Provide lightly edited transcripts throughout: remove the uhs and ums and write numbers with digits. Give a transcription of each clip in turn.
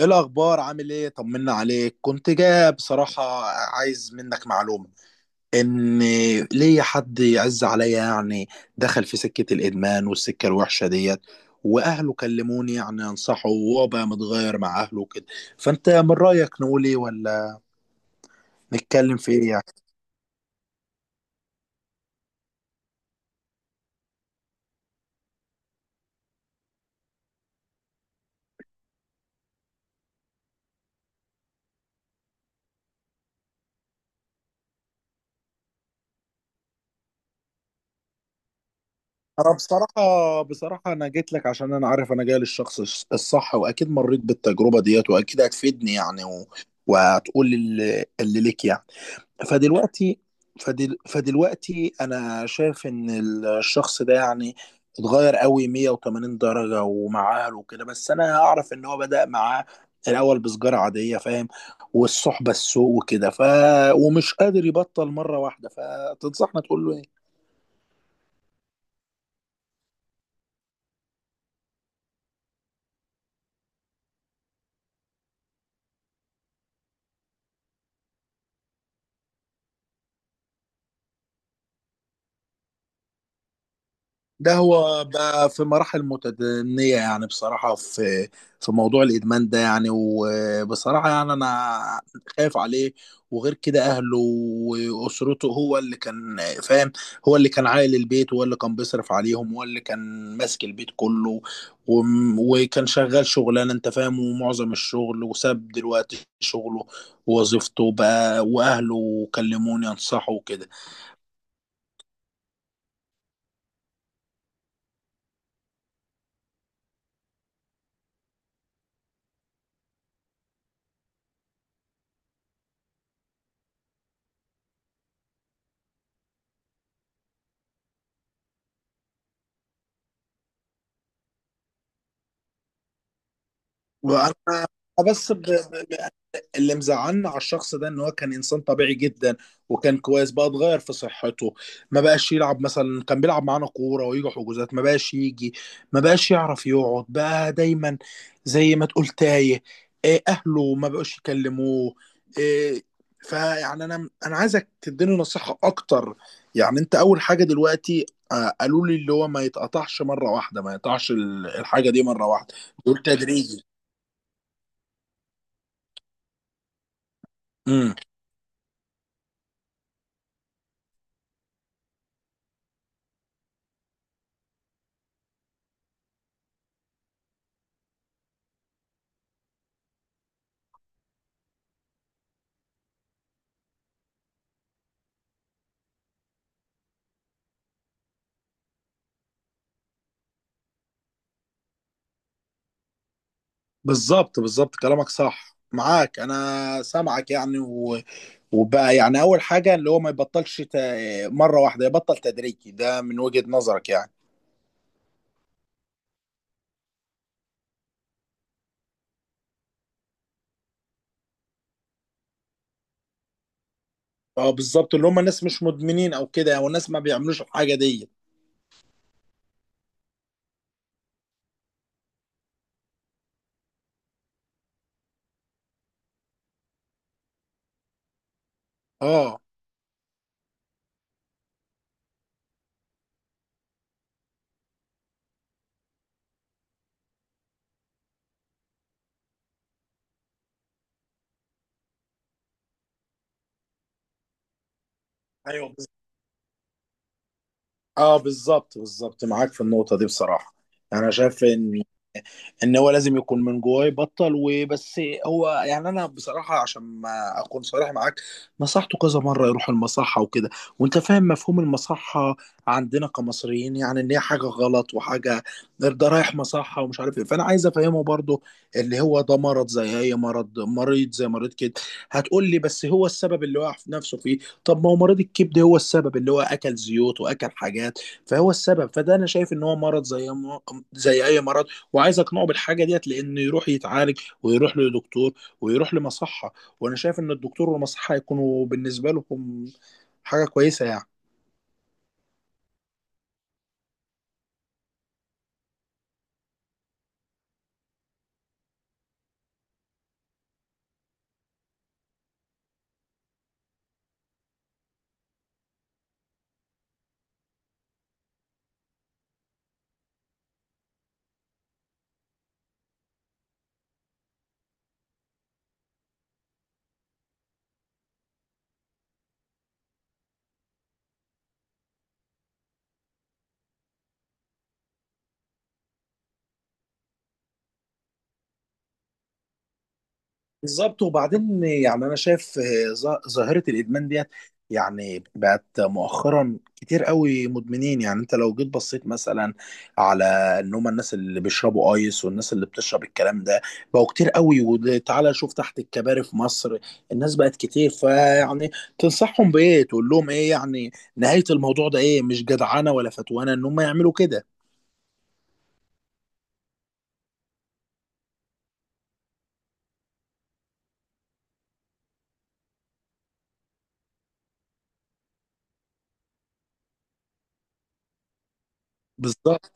ايه الاخبار؟ عامل ايه؟ طمنا عليك. كنت جاي بصراحه، عايز منك معلومه، ان ليا حد يعز عليا يعني دخل في سكه الادمان والسكه الوحشه ديت، واهله كلموني يعني انصحه، وهو بقى متغير مع اهله وكده. فانت من رايك نقول ايه، ولا نتكلم في ايه يعني؟ انا بصراحه جيت لك عشان انا عارف انا جاي للشخص الصح، واكيد مريت بالتجربه ديت واكيد هتفيدني يعني وهتقول اللي ليك يعني. فدلوقتي فدلوقتي انا شايف ان الشخص ده يعني اتغير قوي 180 درجة ومع اهله وكده، بس انا اعرف ان هو بدأ معاه الاول بسجارة عادية، فاهم؟ والصحبة السوء وكده، ومش قادر يبطل مرة واحدة. فتنصحنا تقول له إيه؟ ده هو بقى في مراحل متدنية يعني، بصراحة، في موضوع الإدمان ده يعني، وبصراحة يعني أنا خايف عليه. وغير كده أهله وأسرته، فاهم هو اللي كان عائل البيت، وهو اللي كان بيصرف عليهم، وهو اللي كان ماسك البيت كله. وكان شغال شغلانة، أنت فاهم، ومعظم الشغل، وساب دلوقتي شغله ووظيفته بقى، وأهله كلموني أنصحه وكده. وانا بس اللي مزعلنا على الشخص ده ان هو كان انسان طبيعي جدا، وكان كويس. بقى اتغير في صحته، ما بقاش يلعب مثلا، كان بيلعب معانا كوره ويجي حجوزات ما بقاش يجي، ما بقاش يعرف يقعد بقى، دايما زي ما تقول تايه. إيه، اهله ما بقوش يكلموه، إيه. فيعني انا عايزك تديني نصيحه اكتر يعني. انت اول حاجه دلوقتي، آه، قالوا لي اللي هو ما يتقطعش مره واحده، ما يقطعش الحاجه دي مره واحده، دول تدريجي. امم. بالظبط، بالظبط، كلامك صح، معاك انا سامعك يعني وبقى يعني اول حاجه اللي هو ما يبطلش مره واحده، يبطل تدريجي، ده من وجهه نظرك يعني. اه، بالظبط، اللي هم ناس مش مدمنين او كده يعني، والناس ما بيعملوش الحاجه دي. اه، ايوه، اه، بالظبط، بالظبط، معاك في النقطه دي بصراحه. يعني انا شايف ان ان هو لازم يكون من جواه يبطل وبس. هو يعني انا بصراحه، عشان ما اكون صريح معاك، نصحته كذا مره يروح المصحه وكده، وانت فاهم مفهوم المصحه عندنا كمصريين، يعني ان هي حاجه غلط، وحاجه ده رايح مصحه ومش عارف ايه. فانا عايز افهمه برضو اللي هو ده مرض زي اي مرض، مريض زي مريض كده. هتقول لي بس هو السبب اللي وقع في نفسه فيه، طب ما هو مريض الكبد هو السبب اللي هو اكل زيوت واكل حاجات، فهو السبب. فده انا شايف ان هو مرض زي زي اي مرض، وعايز اقنعه بالحاجه ديت لانه يروح يتعالج ويروح لدكتور ويروح لمصحه. وانا شايف ان الدكتور والمصحه هيكونوا بالنسبه لكم حاجه كويسه يعني. بالظبط. وبعدين يعني انا شايف ظاهره الادمان ديت، يعني بقت مؤخرا كتير قوي مدمنين، يعني انت لو جيت بصيت مثلا على ان هم الناس اللي بيشربوا ايس والناس اللي بتشرب الكلام ده، بقوا كتير قوي، وتعالى شوف تحت الكباري في مصر الناس بقت كتير. فيعني تنصحهم بايه، تقول لهم ايه يعني؟ نهايه الموضوع ده ايه؟ مش جدعانه ولا فتوانه ان هم يعملوا كده. بالظبط.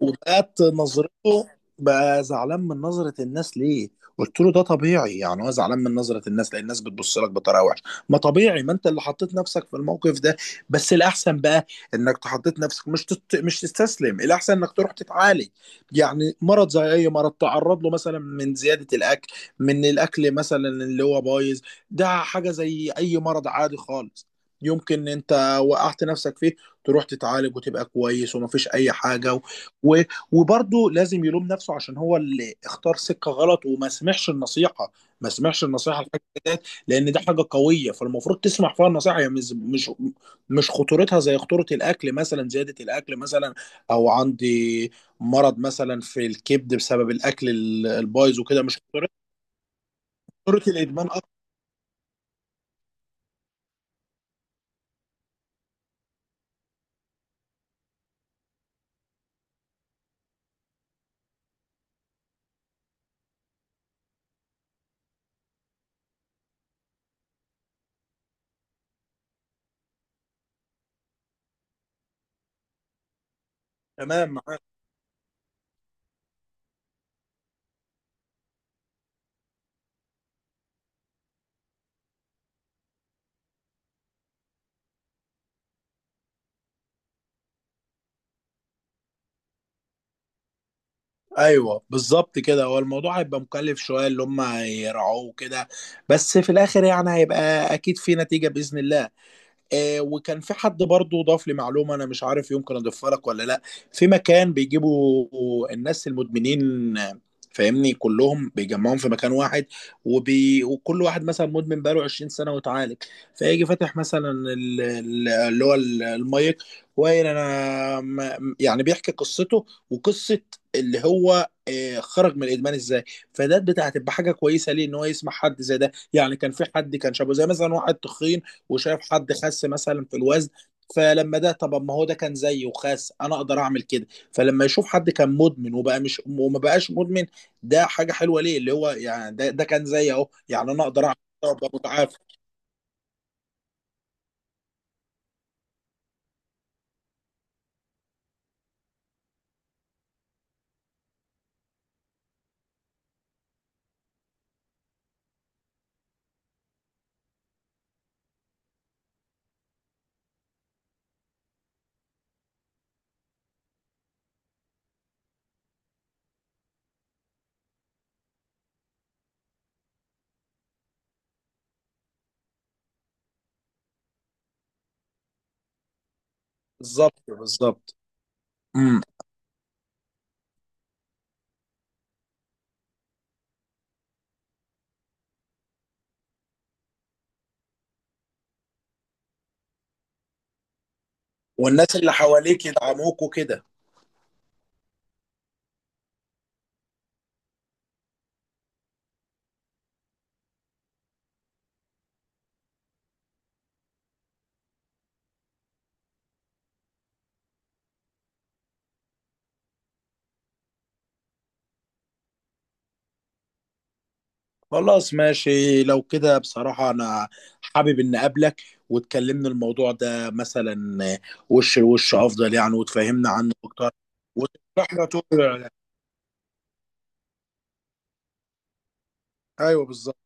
وبقت نظرته بقى زعلان من نظرة الناس، ليه؟ قلت له ده طبيعي يعني، هو زعلان من نظرة الناس لأن الناس بتبص لك بطريقة وحشة، ما طبيعي، ما أنت اللي حطيت نفسك في الموقف ده، بس الأحسن بقى إنك تحطيت نفسك، مش مش تستسلم، الأحسن إنك تروح تتعالج، يعني مرض زي أي مرض تعرض له مثلا من زيادة الأكل، من الأكل مثلا اللي هو بايظ، ده حاجة زي أي مرض عادي خالص، يمكن أنت وقعت نفسك فيه، تروح تتعالج وتبقى كويس ومفيش أي حاجة. و- وبرضه لازم يلوم نفسه عشان هو اللي اختار سكة غلط وما سمعش النصيحة، ما سمعش النصيحة الحاجة ديت، لأن ده حاجة قوية فالمفروض تسمع فيها النصيحة يعني، مش خطورتها زي خطورة الأكل مثلا، زيادة الأكل مثلا، أو عندي مرض مثلا في الكبد بسبب الأكل البايظ وكده، مش خطورة. خطورة الإدمان أكتر. تمام، معاك. ايوه، بالظبط كده، هو الموضوع هيبقى مكلف شويه، اللي هم هيرعوه كده، بس في الاخر يعني هيبقى اكيد في نتيجه باذن الله. آه، وكان في حد برضه ضاف لي معلومه، انا مش عارف يمكن اضيفها لك ولا لا. في مكان بيجيبوا الناس المدمنين، آه، فاهمني، كلهم بيجمعهم في مكان واحد، وكل واحد مثلا مدمن بقاله 20 سنه وتعالج، فيجي فاتح مثلا المايك، وقايل انا يعني بيحكي قصته، وقصه اللي هو خرج من الادمان ازاي. فده بتاعت تبقى حاجه كويسه ليه ان هو يسمع حد زي ده، يعني كان في حد كان شابه زي مثلا واحد تخين وشايف حد خس مثلا في الوزن، فلما ده طب ما هو ده كان زيي وخاس، انا اقدر اعمل كده. فلما يشوف حد كان مدمن وبقى مش وما بقاش مدمن، ده حاجه حلوه ليه، اللي هو يعني ده كان زيي اهو، يعني انا اقدر اعمل كده وابقى متعافى. بالظبط، بالظبط. امم. والناس اللي حواليك يدعموك وكده. خلاص، ماشي لو كده، بصراحه انا حابب ان اقابلك وتكلمنا الموضوع ده مثلا، وش لوش افضل يعني، وتفهمنا عنه اكتر، وتشرح لنا تقول- ايوه، بالظبط،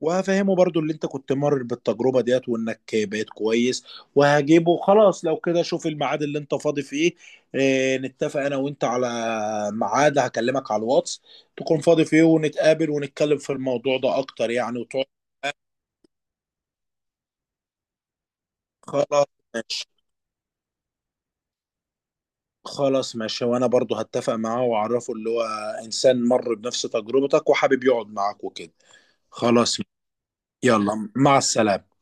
وهفهمه برضو اللي انت كنت مر بالتجربة ديت وانك بقيت كويس. وهجيبه خلاص لو كده، شوف الميعاد اللي انت فاضي فيه. اه، نتفق انا وانت على ميعاد، هكلمك على الواتس تكون فاضي فيه، ونتقابل ونتكلم في الموضوع ده اكتر يعني، وتقعد. خلاص، ماشي. خلاص ماشي، وانا برضو هتفق معاه واعرفه اللي هو انسان مر بنفس تجربتك وحابب يقعد معاك وكده. خلاص. يلا، مع السلامة.